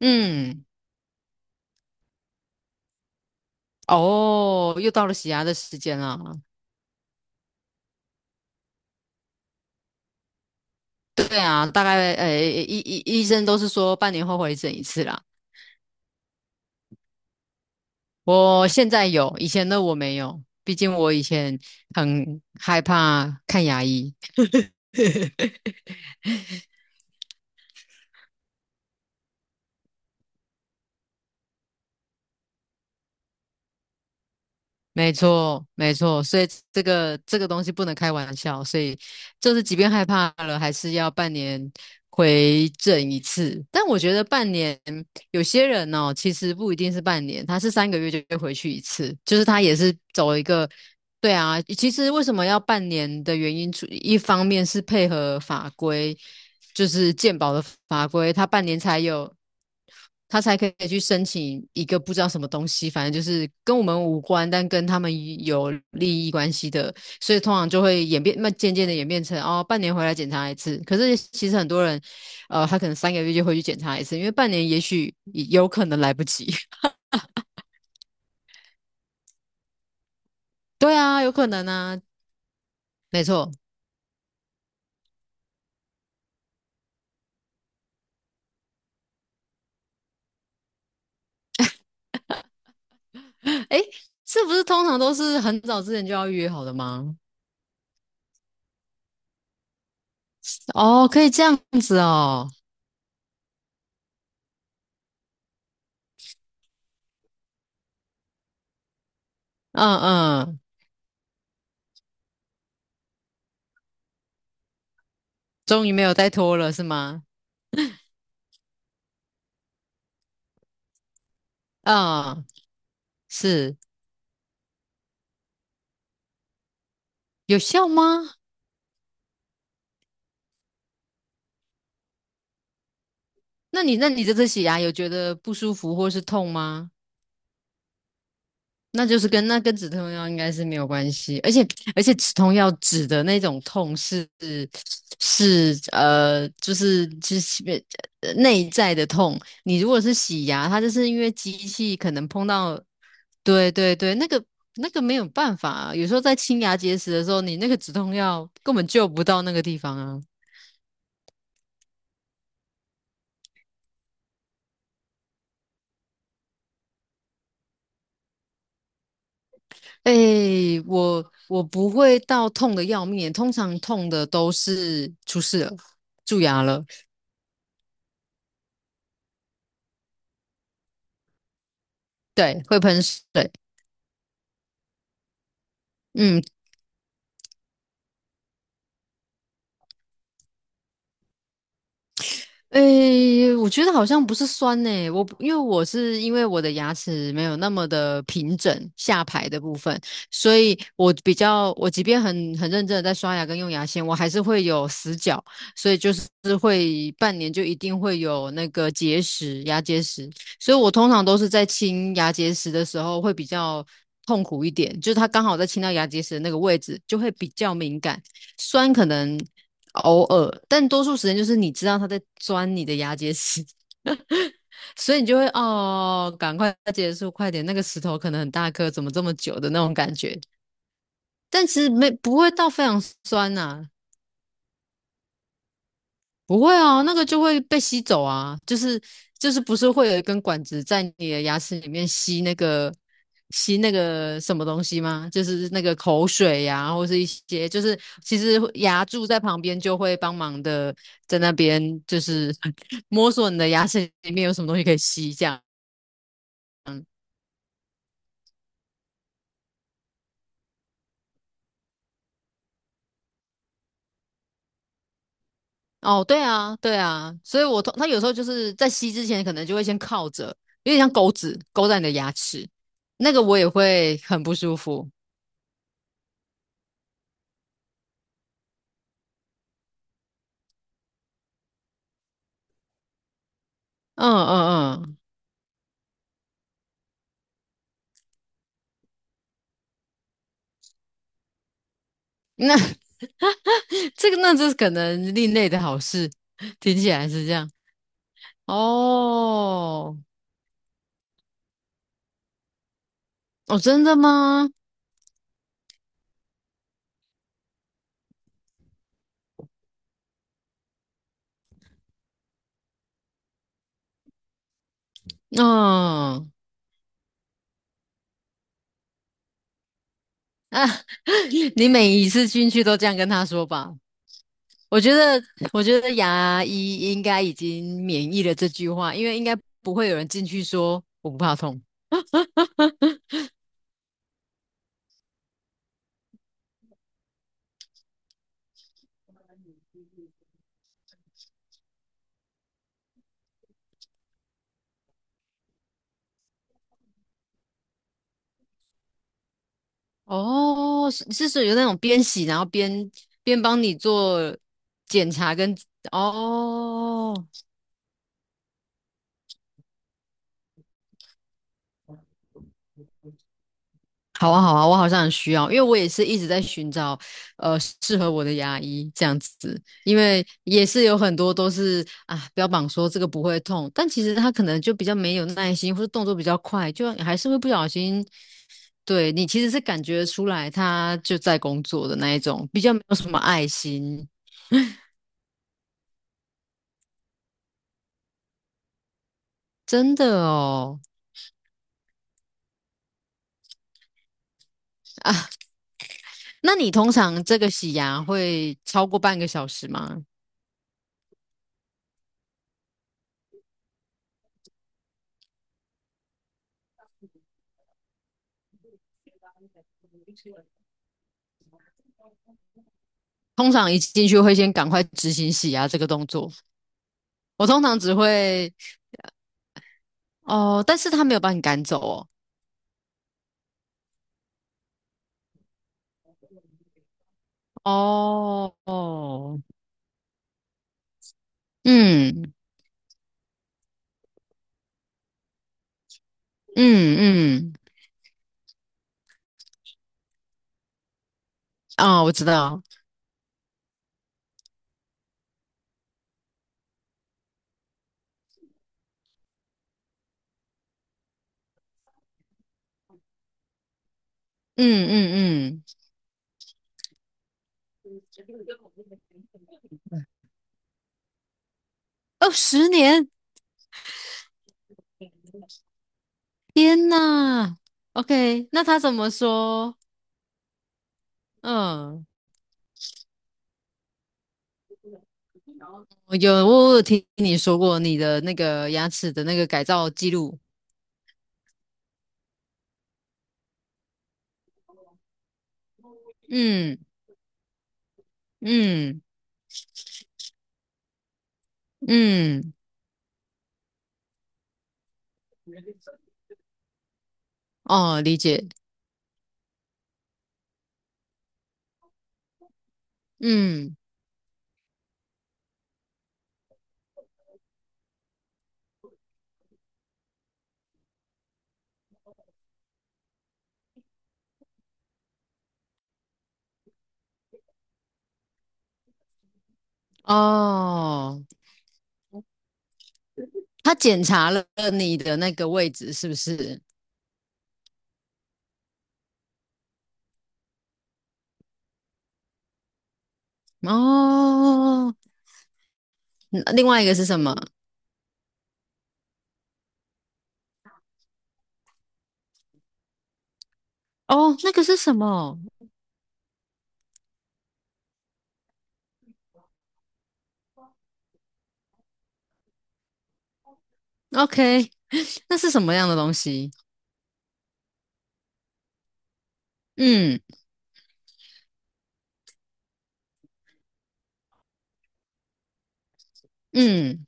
嗯。哦，又到了洗牙的时间了。对啊，大概医生都是说半年后回诊一次啦。我现在有，以前的我没有，毕竟我以前很害怕看牙医。没错，没错，所以这个东西不能开玩笑，所以就是即便害怕了，还是要半年回诊一次。但我觉得半年有些人哦，其实不一定是半年，他是三个月就会回去一次，就是他也是走一个。对啊，其实为什么要半年的原因，除一方面是配合法规，就是健保的法规，他半年才有。他才可以去申请一个不知道什么东西，反正就是跟我们无关，但跟他们有利益关系的，所以通常就会演变，那渐渐的演变成哦，半年回来检查一次。可是其实很多人，他可能三个月就会去检查一次，因为半年也许有可能来不及。对啊，有可能啊，没错。诶，是不是通常都是很早之前就要预约好的吗？哦，可以这样子哦。嗯嗯。终于没有再拖了，是吗？嗯，是。有效吗？那你这次洗牙有觉得不舒服或是痛吗？那就是跟止痛药应该是没有关系，而且止痛药止的那种痛是就是内在的痛。你如果是洗牙，它就是因为机器可能碰到，对对对，那个没有办法啊。有时候在清牙结石的时候，你那个止痛药根本救不到那个地方啊。哎，我不会到痛的要命，通常痛的都是出事了，蛀牙了。对，会喷水。嗯，诶，我觉得好像不是酸呢、我不因为我是因为我的牙齿没有那么的平整，下排的部分，所以我比较我即便很认真的在刷牙跟用牙线，我还是会有死角，所以就是会半年就一定会有那个结石、牙结石，所以我通常都是在清牙结石的时候会比较痛苦一点，就是它刚好在清到牙结石的那个位置就会比较敏感，酸可能。偶尔，但多数时间就是你知道他在钻你的牙结石，所以你就会哦，赶快结束，快点，那个石头可能很大颗，怎么这么久的那种感觉。但其实没不会到非常酸呐、不会啊，那个就会被吸走啊，就是不是会有一根管子在你的牙齿里面吸那个什么东西吗？就是那个口水呀、或是一些就是其实牙柱在旁边就会帮忙的在那边就是 摸索你的牙齿里面有什么东西可以吸这样。哦，对啊，对啊，所以我通他有时候就是在吸之前可能就会先靠着，有点像钩子勾在你的牙齿，那个我也会很不舒服。嗯嗯嗯。那 这个那这可能另类的好事，听起来是这样。哦哦，真的吗？嗯。你每一次进去都这样跟他说吧。我觉得，我觉得牙医应该已经免疫了这句话，因为应该不会有人进去说我不怕痛。哦，是是属于那种边洗然后边边帮你做检查跟哦。好啊，好啊，我好像很需要，因为我也是一直在寻找，适合我的牙医这样子，因为也是有很多都是啊，标榜说这个不会痛，但其实他可能就比较没有耐心，或者动作比较快，就还是会不小心。对，你其实是感觉出来他就在工作的那一种，比较没有什么爱心，真的哦。那你通常这个洗牙会超过半个小时吗？通常一进去会先赶快执行洗牙这个动作。我通常只会哦，但是他没有把你赶走哦。哦哦，嗯嗯嗯，哦，我知道。嗯嗯嗯，哦，10年。天呐。 OK,那他怎么说？嗯，我有听你说过你的那个牙齿的那个改造记录。嗯嗯嗯，哦，理解。嗯，哦，他检查了你的那个位置是不是？哦，嗯另外一个是什么？哦，那个是什么？OK,那是什么样的东西？嗯嗯，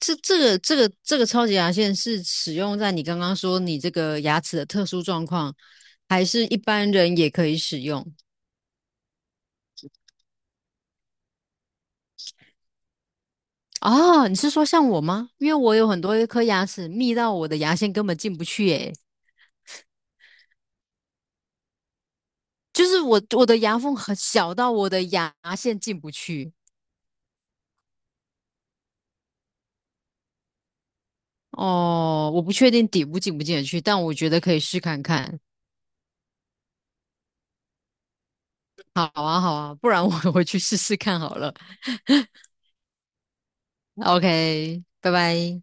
这个超级牙线是使用在你刚刚说你这个牙齿的特殊状况，还是一般人也可以使用？哦，你是说像我吗？因为我有很多一颗牙齿密到我的牙线根本进不去，诶，就是我的牙缝很小到我的牙线进不去。哦，我不确定底部进不进得去，但我觉得可以试看看。好啊，好啊，不然我 回去试试看好了。OK,拜拜。